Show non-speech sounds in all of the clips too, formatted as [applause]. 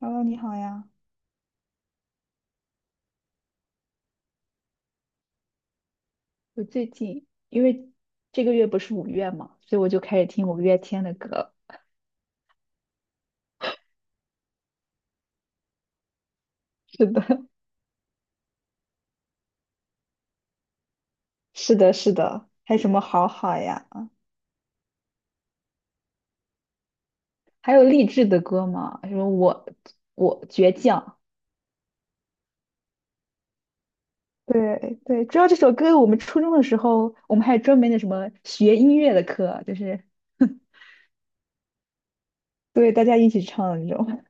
h e 你好呀。我最近因为这个月不是五月嘛，所以我就开始听五月天的歌。是的，[laughs] 是的，是的，还有什么好好呀？还有励志的歌吗？什么我倔强，对对，主要这首歌，我们初中的时候，我们还有专门的什么学音乐的课，就是 [laughs] 对大家一起唱的那种，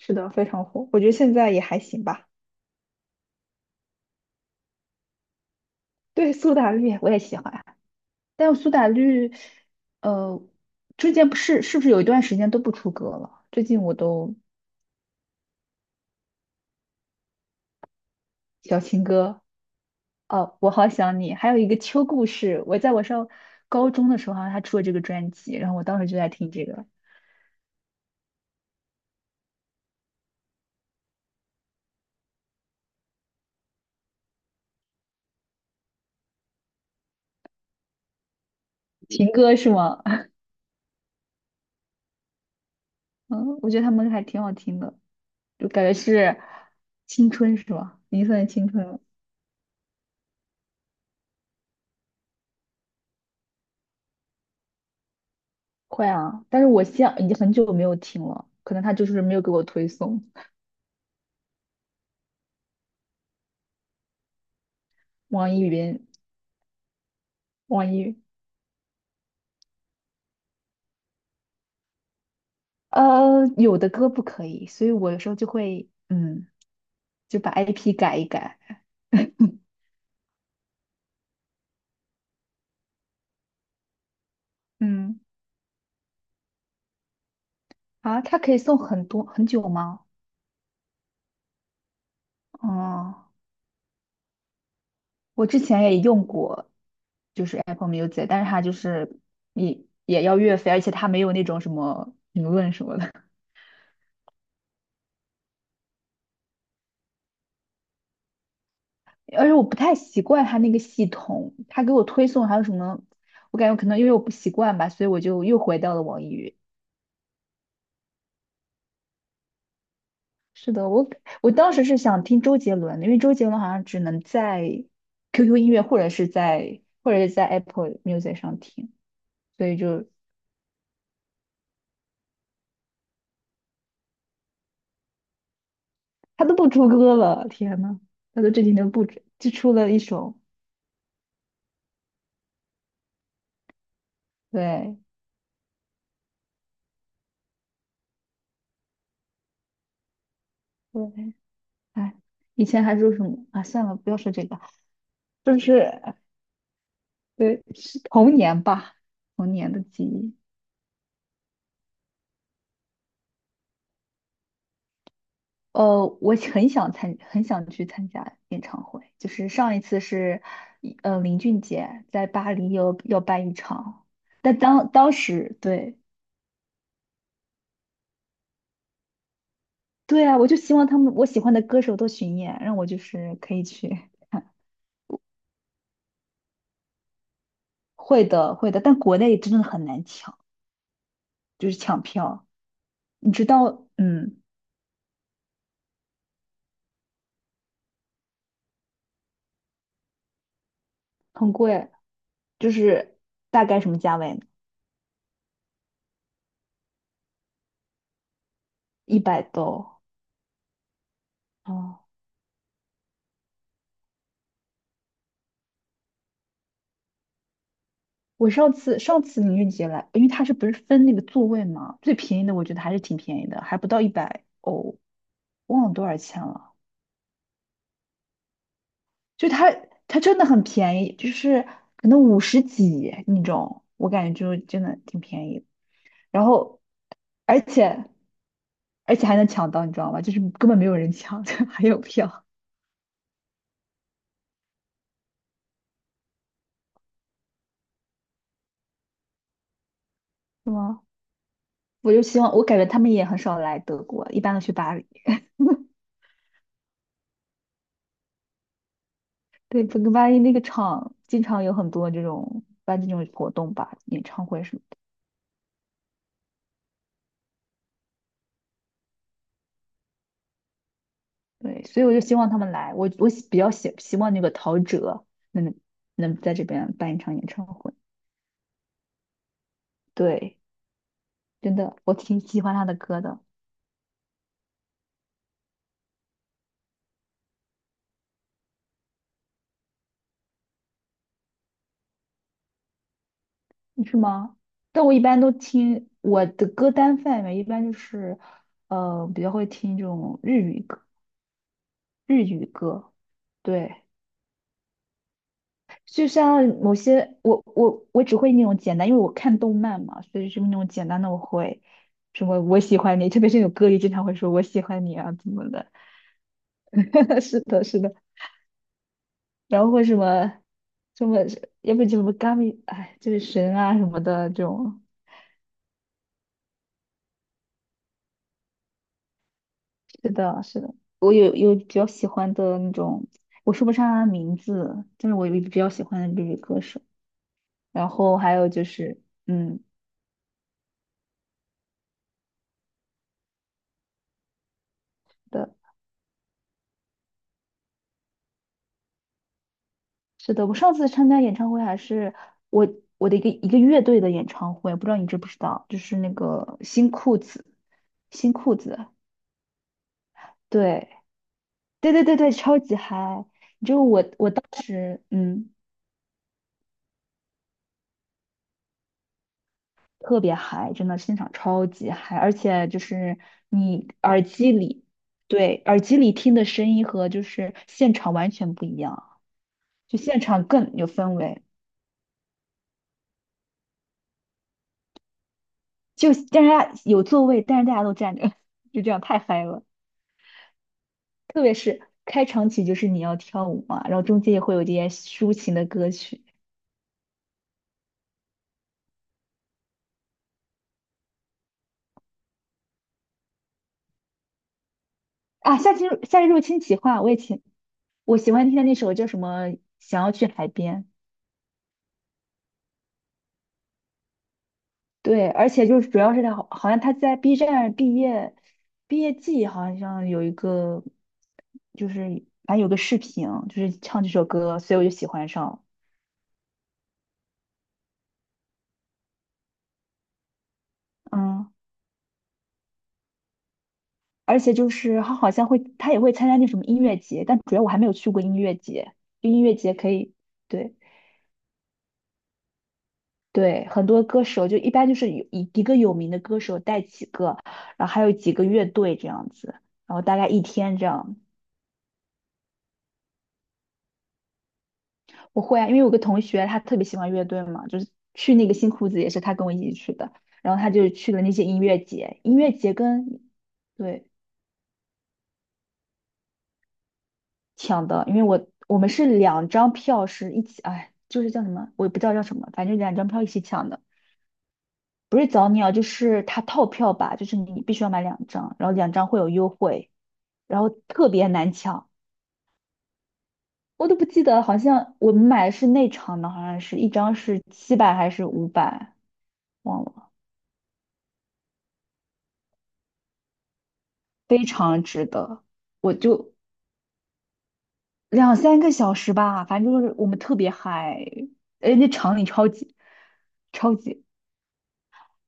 是的，非常火。我觉得现在也还行吧。对，苏打绿我也喜欢。但苏打绿，呃，最近不是是不是有一段时间都不出歌了？最近我都小情歌，哦，我好想你，还有一个秋故事，我上高中的时候，好像他出了这个专辑，然后我当时就在听这个情歌是吗？[laughs] 嗯，我觉得他们还挺好听的，就感觉是青春是吧？已经算是青春了，会啊，但是我现已经很久没有听了，可能他就是没有给我推送网易云，网易。有的歌不可以，所以我有时候就会，就把 IP 改一改。嗯，啊，它可以送很多很久吗？哦，我之前也用过，就是 Apple Music，但是它就是也要月费，而且它没有那种什么评论什么的，[laughs] 而且我不太习惯它那个系统，它给我推送还有什么，我感觉可能因为我不习惯吧，所以我就又回到了网易云。是的，我当时是想听周杰伦的，因为周杰伦好像只能在 QQ 音乐或者是在 Apple Music 上听，所以就他都不出歌了，天呐，他都这几年不出就出了一首，对对，哎，以前还说什么啊？算了，不要说这个，就是对，是童年吧，童年的记忆。我很想参，很想去参加演唱会。就是上一次是，林俊杰在巴黎有要办一场，但当时对对啊，我就希望他们我喜欢的歌手都巡演，让我就是可以去看 [laughs] 会的，会的，但国内真的很难抢，就是抢票，你知道，嗯，很贵，就是大概什么价位呢100多。哦，我上次音乐杰来，因为他是不是分那个座位嘛，最便宜的我觉得还是挺便宜的，还不到100欧，忘了多少钱了。就他真的很便宜，就是可能50几那种，我感觉就真的挺便宜的。然后而且而且还能抢到，你知道吗？就是根本没有人抢，[laughs] 就还有票，是吗？我就希望，我感觉他们也很少来德国，一般都去巴黎。对，整个巴黎那个场经常有很多这种办这种活动吧，演唱会什么的。对，所以我就希望他们来。我比较希望那个陶喆能能在这边办一场演唱会。对，真的，我挺喜欢他的歌的，是吗？但我一般都听我的歌单范围一般就是，比较会听这种日语歌，日语歌。对，就像某些我只会那种简单，因为我看动漫嘛，所以是那种简单的我会，什么我喜欢你，特别是有歌里经常会说我喜欢你啊怎么的，[laughs] 是的，是的，然后会什么什么，要不就什么 Gami，哎，就是神啊什么的这种，是的，是的，我有比较喜欢的那种，我说不上他的名字，但是我有比较喜欢的日语歌手，然后还有就是嗯。的。是的，我上次参加演唱会还是我我的一个一个乐队的演唱会，不知道你知不知道，就是那个新裤子，新裤子，对对对对对，超级嗨！就我当时特别嗨，真的现场超级嗨，而且就是你耳机里对耳机里听的声音和就是现场完全不一样，就现场更有氛围，就大家有座位，但是大家都站着，[laughs] 就这样太嗨了。特别是开场曲就是你要跳舞嘛，然后中间也会有一些抒情的歌曲啊。夏日入侵企划，我也挺我喜欢听的那首叫什么《想要去海边》。对，而且就是主要是好像他在 B 站毕业季好像有一个，就是反正有个视频，就是唱这首歌，所以我就喜欢上了。嗯，而且就是他好像会，他也会参加那什么音乐节，但主要我还没有去过音乐节，就音乐节可以。对。对，很多歌手就一般就是有一个有名的歌手带几个，然后还有几个乐队这样子，然后大概一天这样。我会啊，因为有个同学他特别喜欢乐队嘛，就是去那个新裤子也是他跟我一起去的，然后他就去了那些音乐节，音乐节跟对抢的，因为我们是两张票是一起，哎，就是叫什么，我也不知道叫什么，反正两张票一起抢的。不是早鸟，就是他套票吧，就是你必须要买两张，然后两张会有优惠，然后特别难抢，我都不记得，好像我们买的是内场的，好像是一张是700还是500，忘了，非常值得，我就2、3个小时吧，反正就是我们特别嗨，哎，那场里超级超级，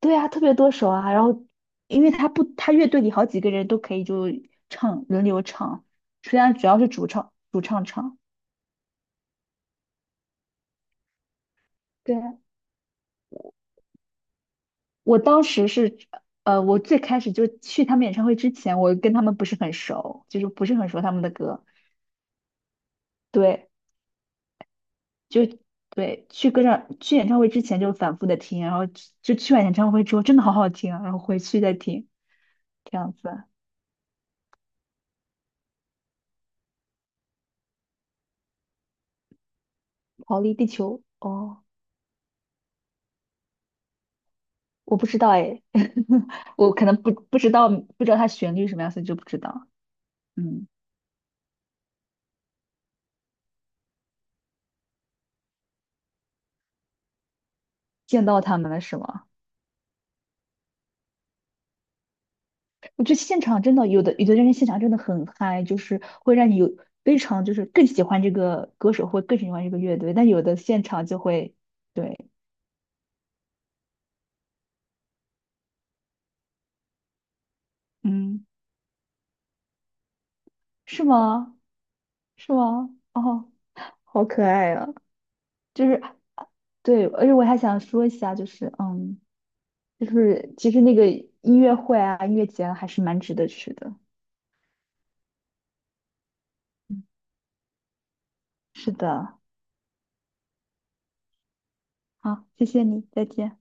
对啊，特别多首啊，然后因为他不，他乐队里好几个人都可以就轮流唱，虽然主要是主唱唱。对啊，我当时是，我最开始就去他们演唱会之前，我跟他们不是很熟，就是不是很熟他们的歌。对，就对，去演唱会之前就反复的听，然后就去完演唱会之后真的好好听啊，然后回去再听，这样子啊逃离地球。哦，我不知道哎，[laughs] 我可能不知道它旋律什么样，所以就不知道。嗯，见到他们了是吗？我觉得现场真的有的有的人现场真的很嗨，就是会让你有非常就是更喜欢这个歌手，或更喜欢这个乐队。但有的现场就会，对，嗯，是吗？是吗？哦，好可爱啊！就是对，而且我还想说一下，就是嗯，就是其实那个音乐会啊、音乐节啊还是蛮值得去的。嗯，是的，好，谢谢你，再见。